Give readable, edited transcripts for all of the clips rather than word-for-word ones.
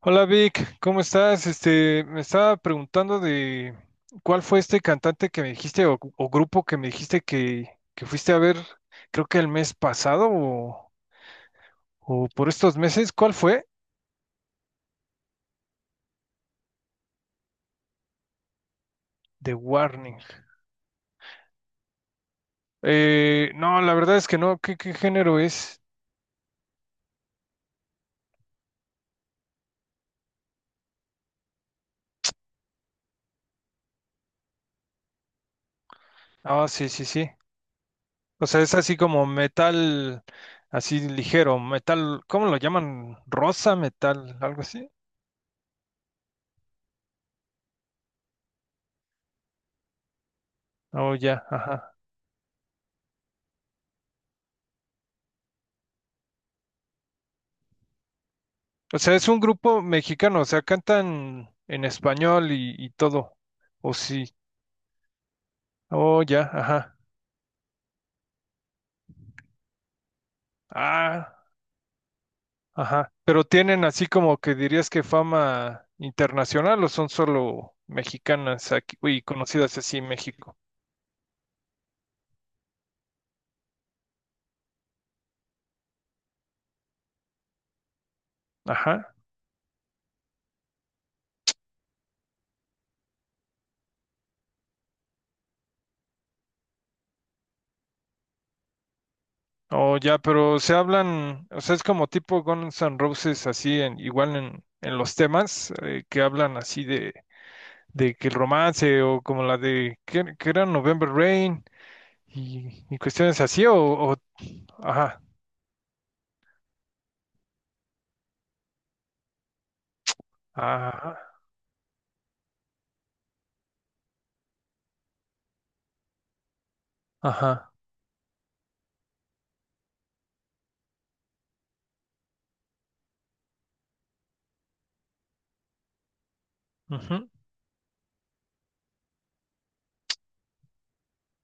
Hola Vic, ¿cómo estás? Me estaba preguntando de cuál fue este cantante que me dijiste o grupo que me dijiste que fuiste a ver, creo que el mes pasado o por estos meses, ¿cuál fue? The Warning. No, la verdad es que no, ¿qué género es? Ah, sí, sí, sí. O sea, es así como metal, así ligero, metal, ¿cómo lo llaman? Rosa metal, algo así. Oh, ya, ajá. O sea, es un grupo mexicano, o sea, cantan en español y todo. O sí. Oh, ya, ajá. Ah, ajá. Pero tienen así como que dirías que fama internacional o son solo mexicanas aquí, uy, conocidas así en México. Ajá. Oh, ya, pero se hablan, o sea, es como tipo Guns N' Roses así, en, igual en los temas que hablan así de que el romance o como la de, ¿que era? ¿November Rain? Y cuestiones así o. Ajá, ajá, ajá, ujú,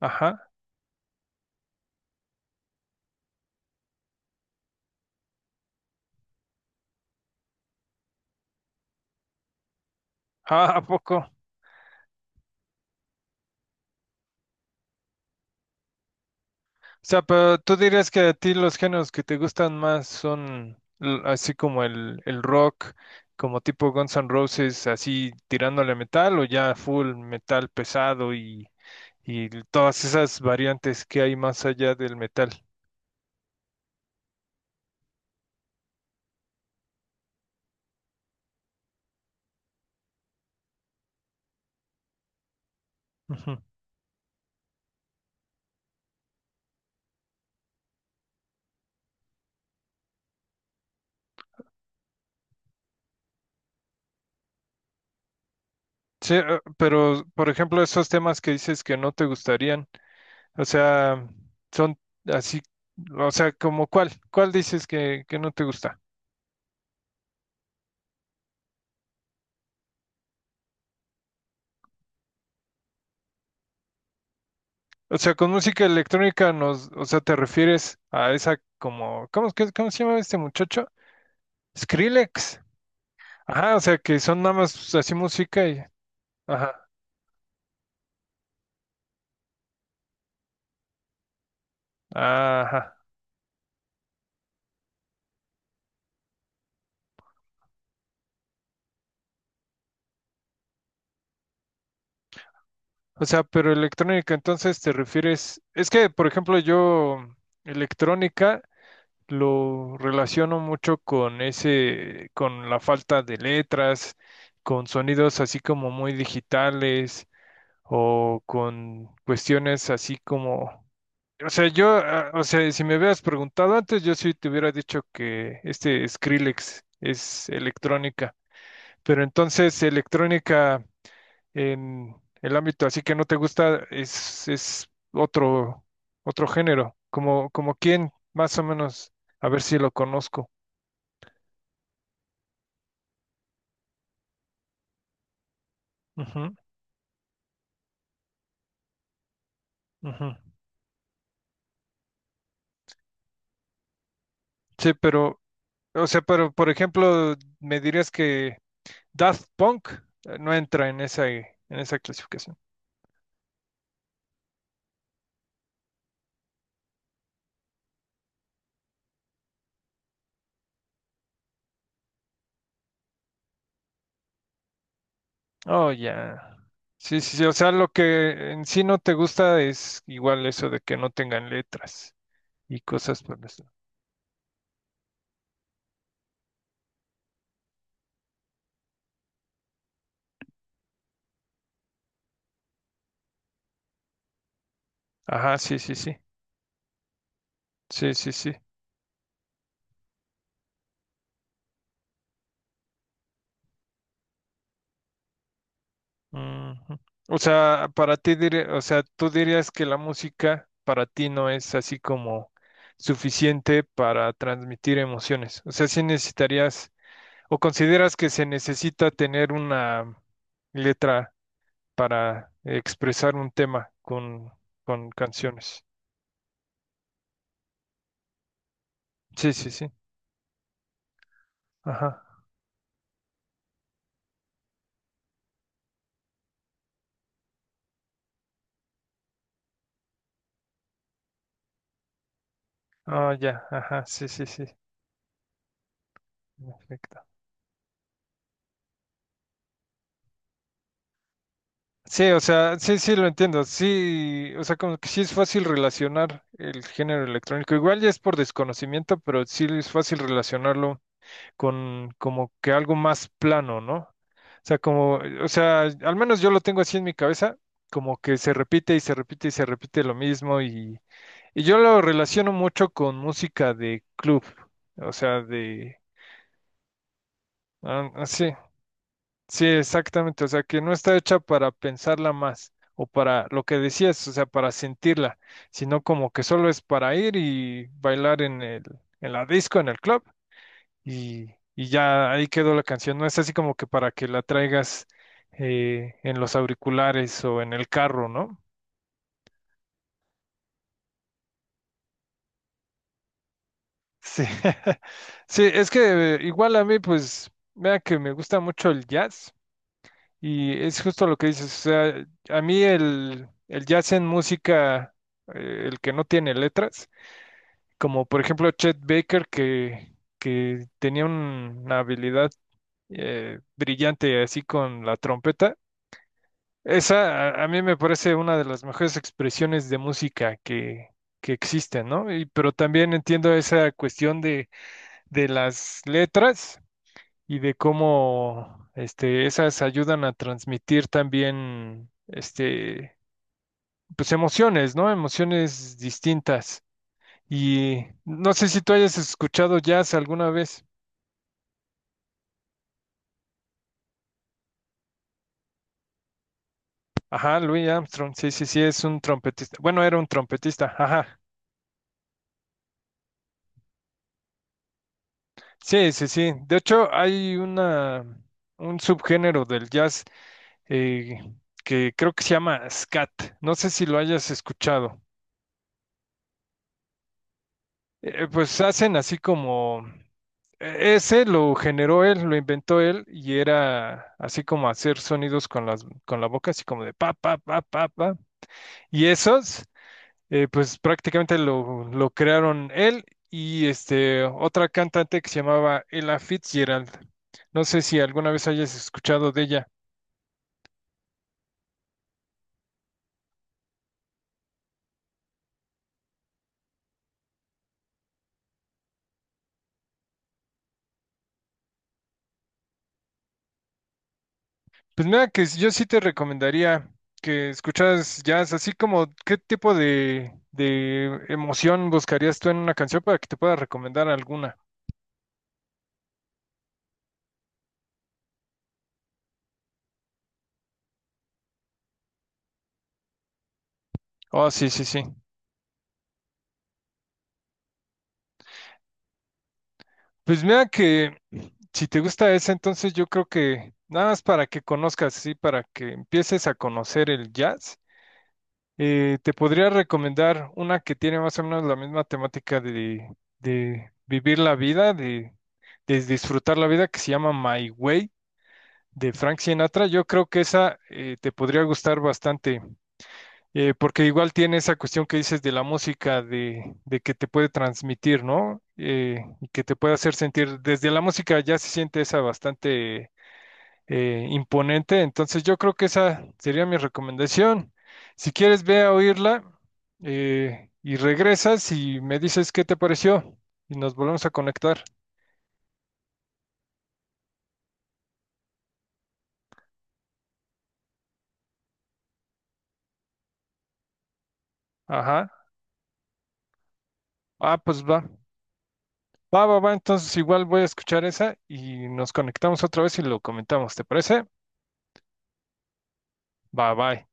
ajá, ah, ¿a poco? O sea, pero tú dirías que a ti los géneros que te gustan más son así como el rock, como tipo Guns N' Roses, así tirándole metal o ya full metal pesado y todas esas variantes que hay más allá del metal. Ujú. Sí, pero por ejemplo, esos temas que dices que no te gustarían. O sea, son así, o sea, como cuál, cuál dices que no te gusta. O sea, con música electrónica nos, o sea, te refieres a esa como, ¿cómo, cómo se llama este muchacho? Skrillex. Ajá, o sea, que son nada más así música ajá, ajá. O sea, pero electrónica, entonces te refieres, es que, por ejemplo, yo, electrónica. Lo relaciono mucho con ese, con la falta de letras, con sonidos así como muy digitales o con cuestiones así como, o sea, yo, ah, o sea, si me hubieras preguntado antes, yo sí te hubiera dicho que este Skrillex es electrónica, pero entonces electrónica en el ámbito así que no te gusta es otro, otro género, como, como quién, más o menos, a ver si lo conozco. Ujú, ujú. Sí, pero, o sea, pero por ejemplo, me dirías que Daft Punk no entra en esa clasificación. Oh, ya. Sí, sí, sí, o sea, lo que en sí no te gusta es igual eso de que no tengan letras y cosas por eso. Ajá, sí, sí, sí. Sí, sí, sí. Ujú. O sea, para ti, o sea, tú dirías que la música para ti no es así como suficiente para transmitir emociones. O sea, sí necesitarías ¿o consideras que se necesita tener una letra para expresar un tema con canciones? Sí, sí, sí. Ajá. Ah, ya, ajá, sí, sí, sí. Perfecto. Sí, o sea, sí, sí, lo entiendo. Sí, o sea, como que sí es fácil relacionar el género electrónico. Igual ya es por desconocimiento, pero sí es fácil relacionarlo con como que algo más plano, ¿no? O sea, como, o sea, al menos yo lo tengo así en mi cabeza, como que se repite y se repite y se repite lo mismo y yo lo relaciono mucho con música de club, o sea, de, ah, ah, sí, sí, exactamente, o sea, que no está hecha para pensarla más o para lo que decías, o sea, para sentirla, sino como que solo es para ir y bailar en la disco, en el club y, y ya ahí quedó la canción. No es así como que para que la traigas en los auriculares o en el carro, ¿no? Sí, sí, es que igual a mí, pues, vea que me gusta mucho el jazz y es justo lo que dices, o sea, a mí el jazz en música, el que no tiene letras, como por ejemplo Chet Baker que tenía una habilidad brillante así con la trompeta. Esa a mí me parece una de las mejores expresiones de música que existen, ¿no? Y, pero también entiendo esa cuestión de las letras y de cómo este, esas ayudan a transmitir también este, pues emociones, ¿no? Emociones distintas. Y no sé si tú hayas escuchado jazz alguna vez. Ajá, Louis Armstrong, sí, sí, sí, es un trompetista. Bueno, era un trompetista, ajá. Sí, sí, sí. De hecho, hay una, un subgénero del jazz eh, que creo que se llama scat. No sé si lo hayas escuchado. Pues hacen así como... Ese lo generó él, lo inventó él y era así como hacer sonidos con las, con la boca, así como de pa, pa, pa, pa, pa. Y esos, pues prácticamente lo crearon él y este, otra cantante que se llamaba Ella Fitzgerald. No sé si alguna vez hayas escuchado de ella. Pues mira que yo sí te recomendaría que escucharas jazz, así como qué tipo de emoción buscarías tú en una canción para que te pueda recomendar alguna. Oh, sí, sí, sí. Pues mira que si te gusta esa, entonces yo creo que nada más para que conozcas, sí, para que empieces a conocer el jazz, te podría recomendar una que tiene más o menos la misma temática de vivir la vida, de disfrutar la vida, que se llama My Way. De Frank Sinatra, yo creo que esa te podría gustar bastante, porque igual tiene esa cuestión que dices de la música, de que te puede transmitir, ¿no? Y que te puede hacer sentir, desde la música ya se siente esa bastante imponente, entonces yo creo que esa sería mi recomendación. Si quieres, ve a oírla y regresas y me dices qué te pareció y nos volvemos a conectar. Ajá. Ah, pues va. Va, va, va, entonces igual voy a escuchar esa y nos conectamos otra vez y lo comentamos, ¿te parece? Va, bye.